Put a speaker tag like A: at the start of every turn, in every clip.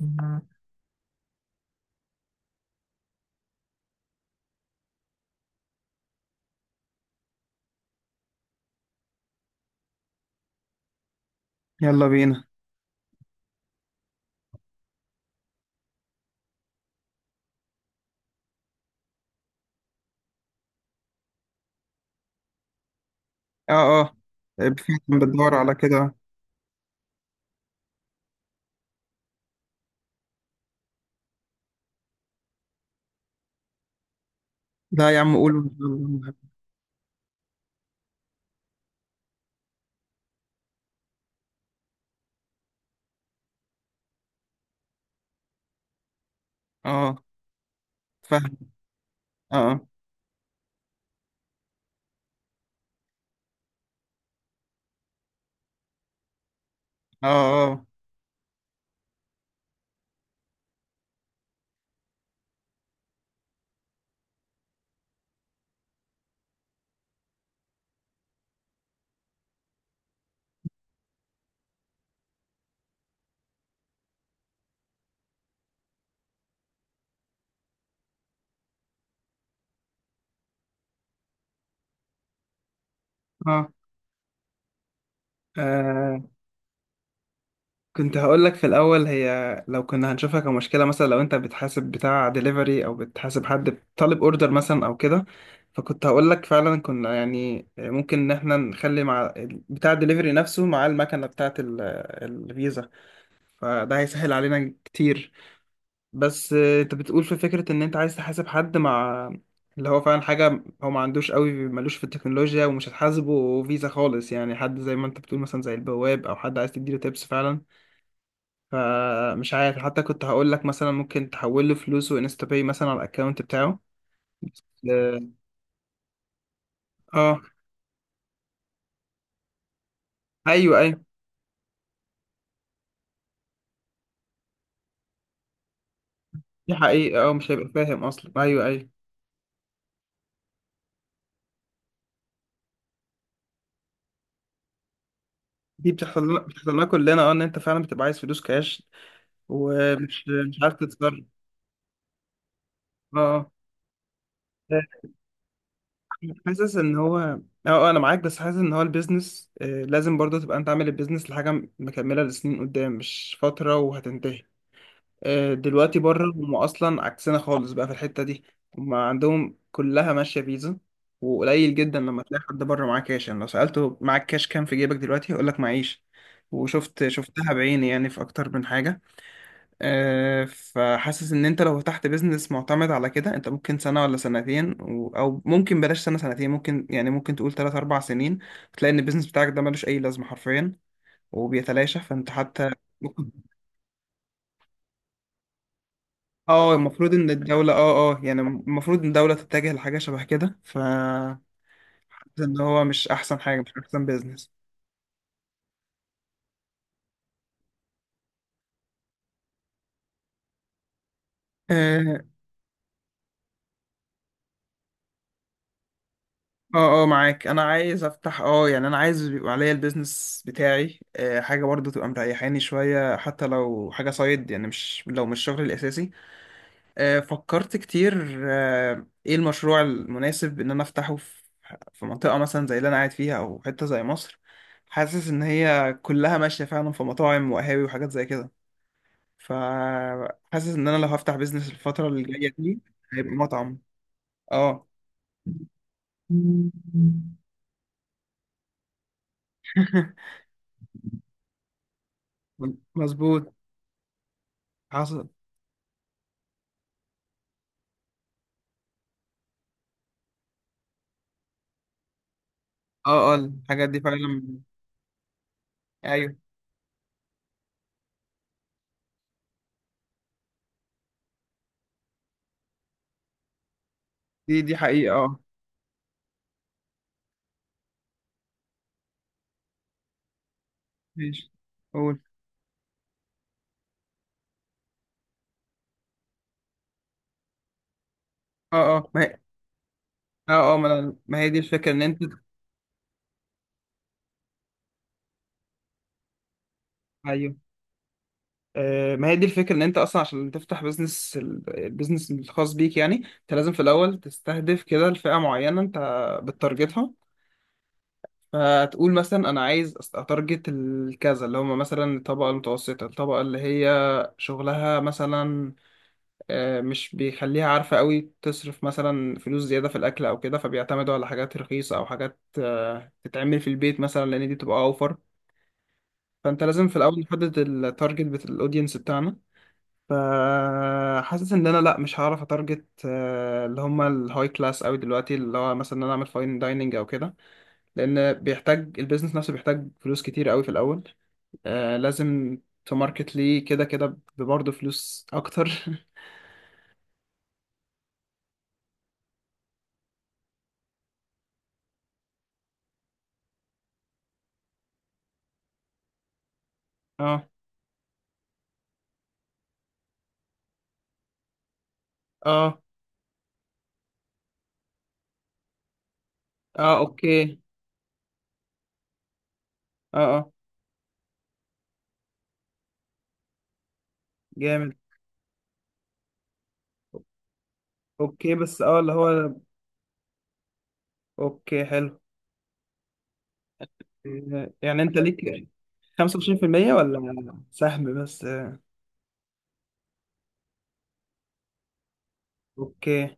A: مم. يلا بينا. اه اه فعلا بتدور على كده. لا يا عم، قول. اه. فاهم. اه اه اه اه. آه، كنت هقول لك في الأول هي، لو كنا هنشوفها كمشكلة مثلا، لو أنت بتحاسب بتاع دليفري أو بتحاسب حد طالب أوردر مثلا أو كده. فكنت هقول لك فعلا كنا يعني ممكن إن إحنا نخلي مع بتاع الدليفري نفسه مع المكنة بتاعة الفيزا. فده هيسهل علينا كتير. بس انت بتقول في فكرة ان انت عايز تحاسب حد مع اللي هو فعلا حاجة. هو ما عندوش قوي، ملوش في التكنولوجيا ومش هتحاسبه فيزا خالص، يعني حد زي ما انت بتقول مثلا زي البواب او حد عايز تديله تيبس فعلا. فمش عارف، حتى كنت هقول لك مثلا ممكن تحول له فلوسه انستا باي مثلا على الاكونت بتاعه. اه. آه، ايوه ايوه. دي حقيقة، اه، مش هيبقى فاهم اصلا. ايوه ايوه، دي بتحصل لنا، بتحصل لنا كلنا. اه، ان انت فعلا بتبقى عايز فلوس كاش ومش مش عارف تتصرف. اه. آه. حاسس ان هو اه، انا معاك. بس حاسس ان هو البيزنس لازم برضه تبقى انت عامل البيزنس لحاجه مكمله لسنين قدام، مش فتره وهتنتهي. دلوقتي بره هم اصلا عكسنا خالص بقى في الحته دي. هم عندهم كلها ماشيه فيزا. وقليل جدا لما تلاقي حد بره معاه كاش، يعني لو سالته معاك كاش كام في جيبك دلوقتي هيقول لك معيش. وشفت شفتها بعيني يعني، في اكتر من حاجه. فحاسس ان انت لو فتحت بيزنس معتمد على كده، انت ممكن سنة ولا سنتين او ممكن بلاش سنة سنتين، ممكن يعني ممكن تقول تلات اربع سنين، تلاقي ان البيزنس بتاعك ده ملوش اي لازمة حرفيا وبيتلاشى. فانت حتى ممكن. اه المفروض ان الدولة اه اه يعني المفروض ان الدولة تتجه لحاجة شبه كده، ف حاسس ان هو مش احسن حاجة، مش احسن. بيزنس. اه اه معاك. انا عايز افتح اه، يعني انا عايز يبقى عليا البيزنس بتاعي. حاجه برضو تبقى مريحاني شويه، حتى لو حاجه سايد، يعني مش، لو مش شغلي الاساسي. فكرت كتير ايه المشروع المناسب ان انا افتحه في في منطقه مثلا زي اللي انا قاعد فيها او حته زي مصر. حاسس ان هي كلها ماشيه فعلا في مطاعم وقهاوي وحاجات زي كده. فحاسس ان انا لو هفتح بيزنس الفتره اللي جايه دي هيبقى مطعم. اه. مظبوط. حصل. اه اه الحاجات دي فعلا. ايوه. دي حقيقة، اه. ماشي. قول. اه اه ما هي اه اه ما هي دي الفكرة ان انت. ايوه. آه، ما هي دي الفكرة ان انت اصلا عشان تفتح بزنس، البيزنس الخاص بيك يعني انت لازم في الاول تستهدف كده الفئة معينة انت بتتارجتها. فتقول مثلا انا عايز اتارجت الكذا اللي هم مثلا الطبقة المتوسطة، الطبقة اللي هي شغلها مثلا مش بيخليها عارفة قوي تصرف مثلا فلوس زيادة في الأكل أو كده، فبيعتمدوا على حاجات رخيصة أو حاجات تتعمل في البيت مثلا، لأن دي بتبقى أوفر. فأنت لازم في الأول نحدد التارجت بتاع الأودينس بتاعنا. فحاسس إن أنا لأ، مش هعرف أتارجت اللي هما الهاي كلاس أوي دلوقتي، اللي هو مثلا إن أنا أعمل فاين دايننج أو كده، لأن بيحتاج البيزنس نفسه بيحتاج فلوس كتير أوي في الأول. لازم تماركت ليه كده كده، برضه فلوس أكتر. اه اه اه. اوكي. اه اه جامد. اوكي بس اه اللي هو، اوكي، حلو. يعني انت ليك 25% ولا سهم بس؟ اوكي. اه.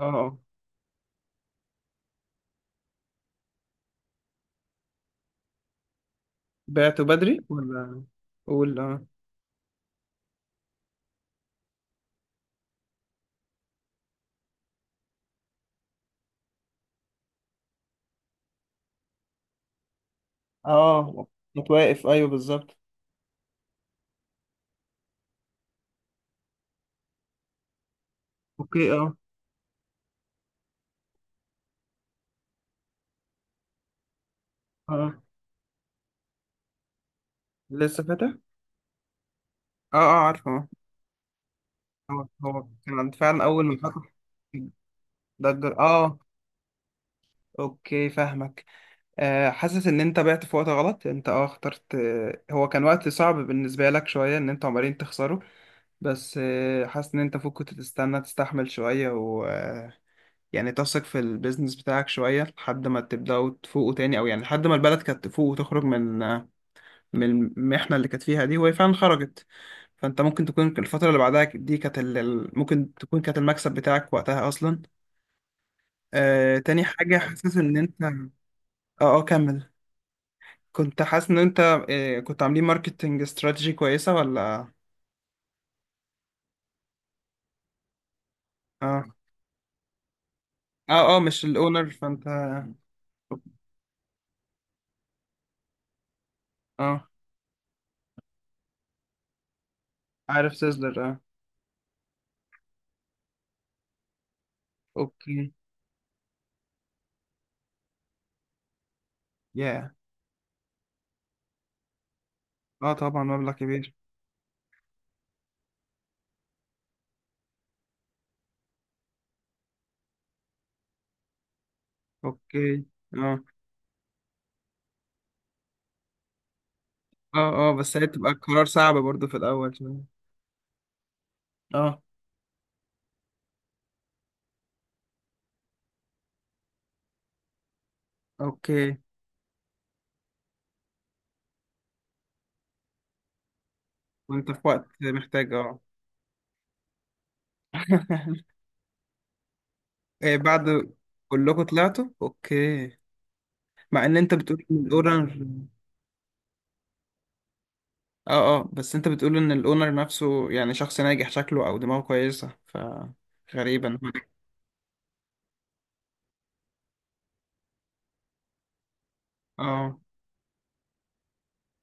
A: آه. بعته بدري ولا؟ قول. اه اه متوقف. ايوه بالظبط. اوكي. اه اه لسه فاتح. اه اه عارفه اه. هو كان فعلا اول ما فتح ضجر. اه. اوكي، فاهمك. آه، حاسس ان انت بعت في وقت غلط. انت اه اخترت، هو كان وقت صعب بالنسبه لك شويه ان انتوا عمالين تخسروا. بس حاسس ان انت فوق كنت تستنى، تستحمل شوية و يعني تثق في البيزنس بتاعك شوية لحد ما تبدأوا تفوقوا تاني، او يعني لحد ما البلد كانت تفوق وتخرج من من المحنة اللي كانت فيها دي، وهي فعلا خرجت. فانت ممكن تكون الفترة اللي بعدها دي كانت ممكن تكون كانت المكسب بتاعك وقتها اصلا. تاني حاجة، حاسس ان انت. اه اه كمل. كنت حاسس ان انت كنت عاملين ماركتنج استراتيجي كويسة ولا؟ اه اه اه مش الاونر، فانت. اه. عارف سيزلر، اه. اوكي. ياه. اه، طبعا مبلغ كبير. اوكي اه اه اه بس هي بتبقى قرار صعب برضو في الاول شوية. اه. اوكي. وانت في وقت محتاج، اه. إيه بعد؟ كلكم طلعتوا؟ اوكي، مع ان انت بتقول ان الاونر. اه اه بس انت بتقول ان الاونر نفسه يعني شخص ناجح شكله او دماغه كويسة، ف غريبا. اه.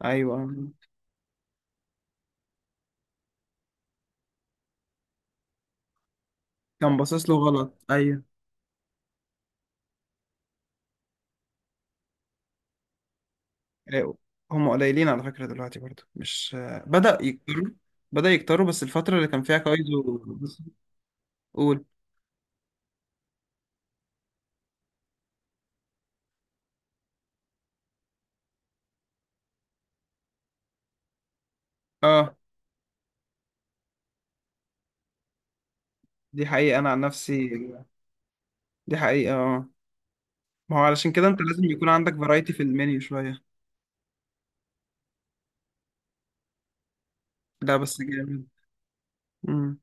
A: ايوه. كان باصص له غلط، ايوه. هم قليلين على فكرة دلوقتي برضو، مش بدأ يكتروا. بدأ يكتروا بس الفترة اللي كان فيها كايزو، بس. قول. اه. دي حقيقة، أنا عن نفسي. دي حقيقة، اه. ما هو علشان كده أنت لازم يكون عندك فرايتي في المنيو شوية. لا بس جامد. امم.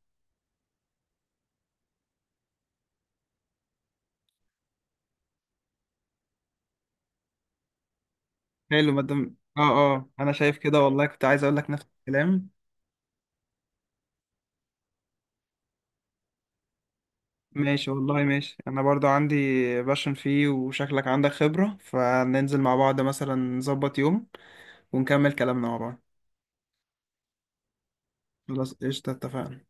A: حلو. مدام اه اه أنا شايف كده، والله كنت عايز أقول لك نفس الكلام. ماشي، والله ماشي. أنا برضو عندي باشن فيه، وشكلك عندك خبرة، فننزل مع بعض مثلا نظبط يوم ونكمل كلامنا مع بعض. خلاص قشطة، اتفقنا.